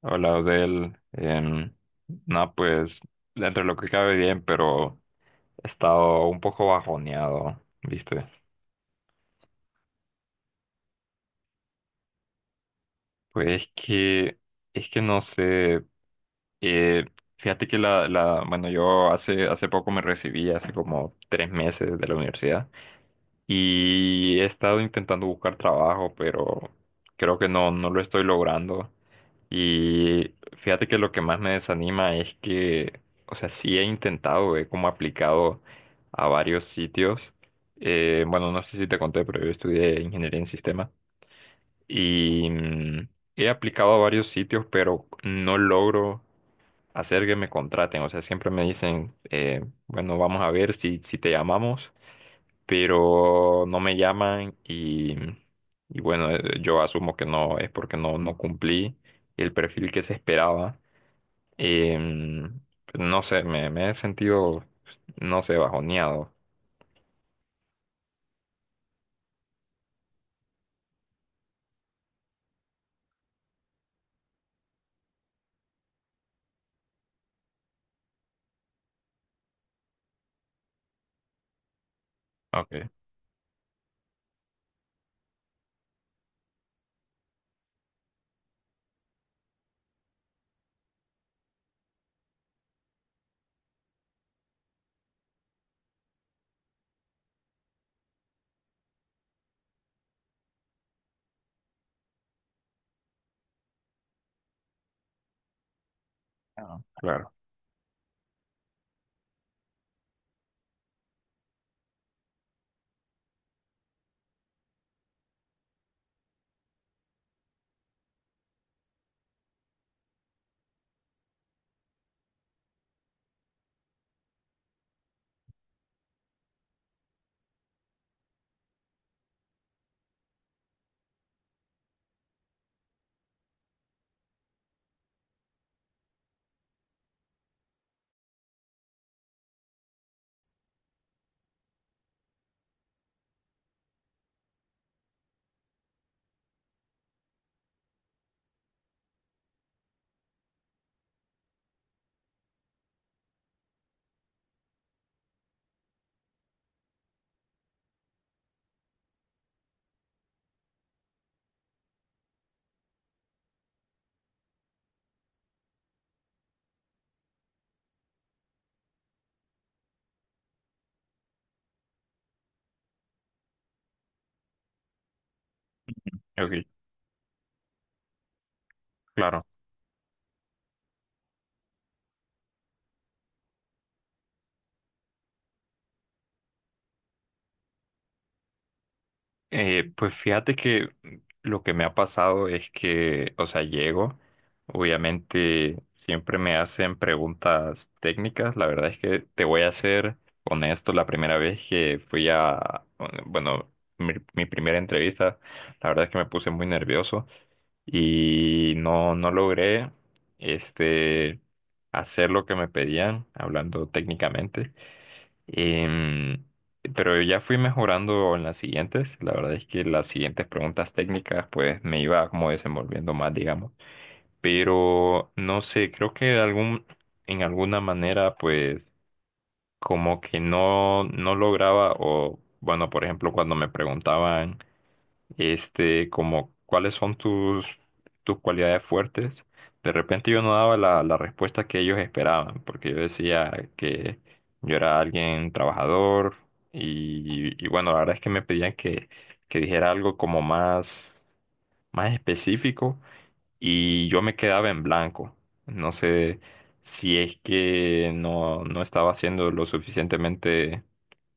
Hola, Odel. No, pues dentro de lo que cabe bien, pero he estado un poco bajoneado, ¿viste? Pues es que no sé. eh, Fíjate que bueno, yo hace poco me recibí, hace como tres meses de la universidad, y he estado intentando buscar trabajo, pero creo que no lo estoy logrando. Y fíjate que lo que más me desanima es que, o sea, sí he intentado, he como aplicado a varios sitios. Bueno, no sé si te conté, pero yo estudié ingeniería en sistemas y he aplicado a varios sitios, pero no logro hacer que me contraten. O sea, siempre me dicen, bueno, vamos a ver si te llamamos, pero no me llaman y bueno, yo asumo que no es porque no cumplí el perfil que se esperaba. Em, pues, no sé, me he sentido, pues, no sé, bajoneado. Ok. Ah, claro. Ok, claro. Pues fíjate que lo que me ha pasado es que, o sea, llego, obviamente siempre me hacen preguntas técnicas, la verdad es que te voy a ser honesto, la primera vez que fui a, bueno, mi primera entrevista, la verdad es que me puse muy nervioso y no logré, este, hacer lo que me pedían, hablando técnicamente. Em, pero ya fui mejorando en las siguientes. La verdad es que las siguientes preguntas técnicas pues me iba como desenvolviendo más, digamos. Pero no sé, creo que en alguna manera pues como que no lograba o bueno, por ejemplo, cuando me preguntaban este, como cuáles son tus cualidades fuertes. De repente yo no daba la respuesta que ellos esperaban, porque yo decía que yo era alguien trabajador y bueno, la verdad es que me pedían que dijera algo como más, más específico y yo me quedaba en blanco. No sé si es que no estaba siendo lo suficientemente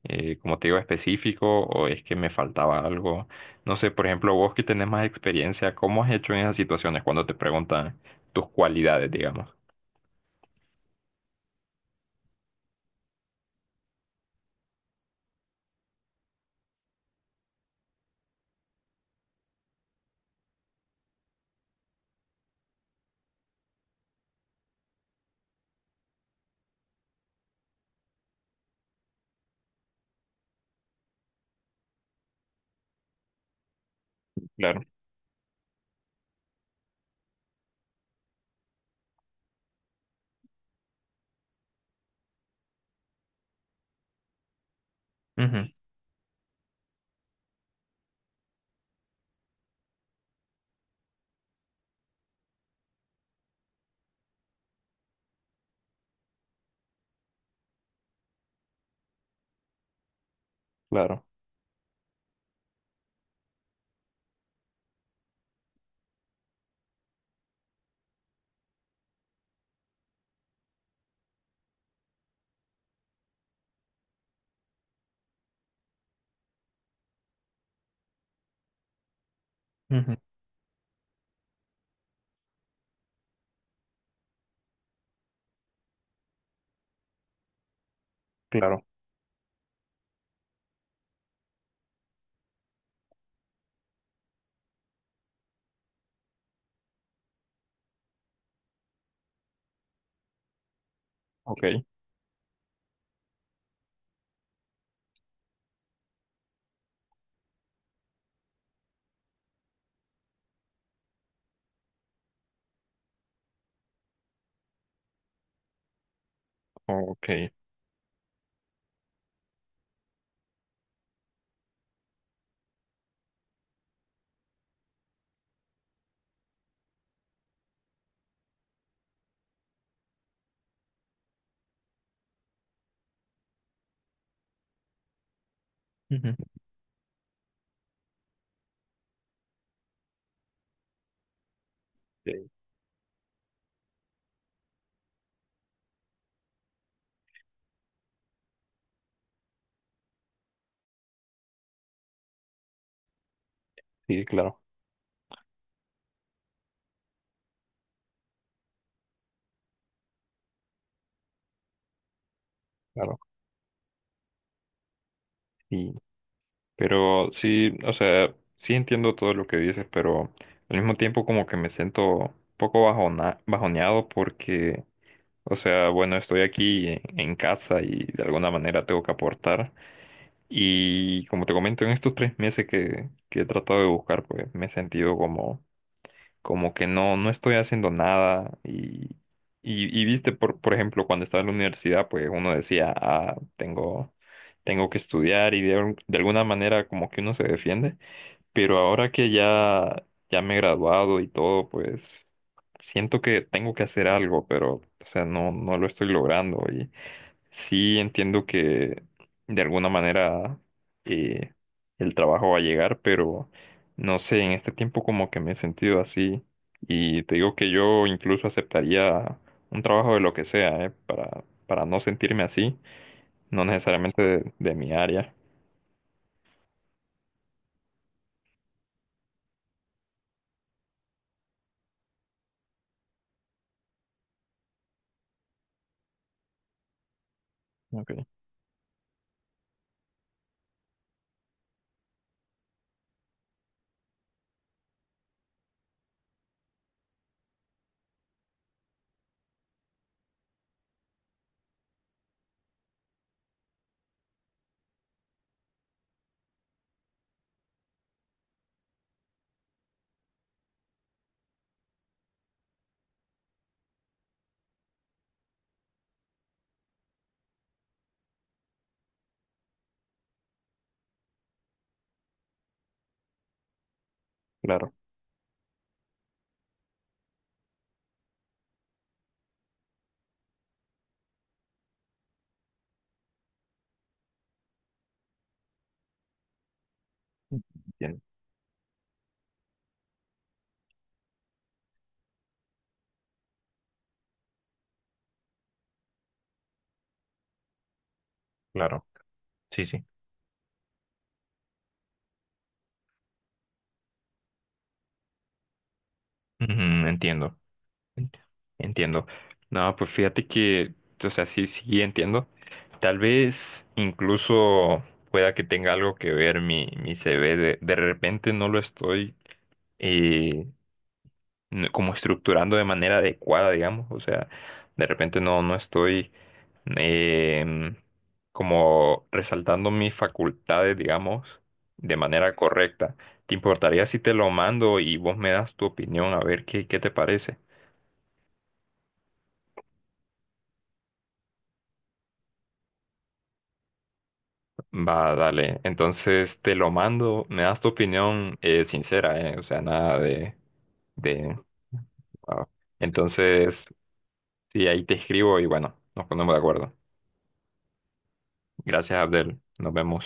como te digo, específico o es que me faltaba algo. No sé, por ejemplo, vos que tenés más experiencia, ¿cómo has hecho en esas situaciones cuando te preguntan tus cualidades, digamos? Claro. Ujú, claro, ujú, claro. Ok, ok. Ujú. Sí, sí, claro, claro. Sí. Pero sí, o sea, sí entiendo todo lo que dices, pero al mismo tiempo como que me siento un poco bajoneado porque, o sea, bueno, estoy aquí en casa y de alguna manera tengo que aportar. Y como te comento, en estos tres meses que he tratado de buscar, pues me he sentido como, como que no estoy haciendo nada. Y viste, por ejemplo, cuando estaba en la universidad, pues uno decía, ah, tengo, tengo que estudiar y de alguna manera como que uno se defiende. Pero ahora que ya, ya me he graduado y todo, pues siento que tengo que hacer algo, pero, o sea, no lo estoy logrando. Sí, entiendo que de alguna manera eh, el trabajo va a llegar, pero no sé, en este tiempo como que me he sentido así y te digo que yo incluso aceptaría un trabajo de lo que sea, para no sentirme así, no necesariamente de mi área. Ok, claro, entiendo, claro. Sí, sí. Ujú, entiendo. Entiendo. No, pues fíjate que, o sea, sí, sí entiendo. Tal vez incluso pueda que tenga algo que ver mi CV. De repente no lo estoy eh, como estructurando de manera adecuada, digamos. O sea, de repente no estoy em, como resaltando mis facultades, digamos, de manera correcta. ¿Te importaría si te lo mando y vos me das tu opinión a ver qué, qué te parece? Va, dale. Entonces te lo mando. Me das tu opinión sincera, ¿eh? O sea, nada de, de... ah. Entonces, sí, ahí te escribo y bueno, nos ponemos de acuerdo. Gracias, Abdel. Nos vemos.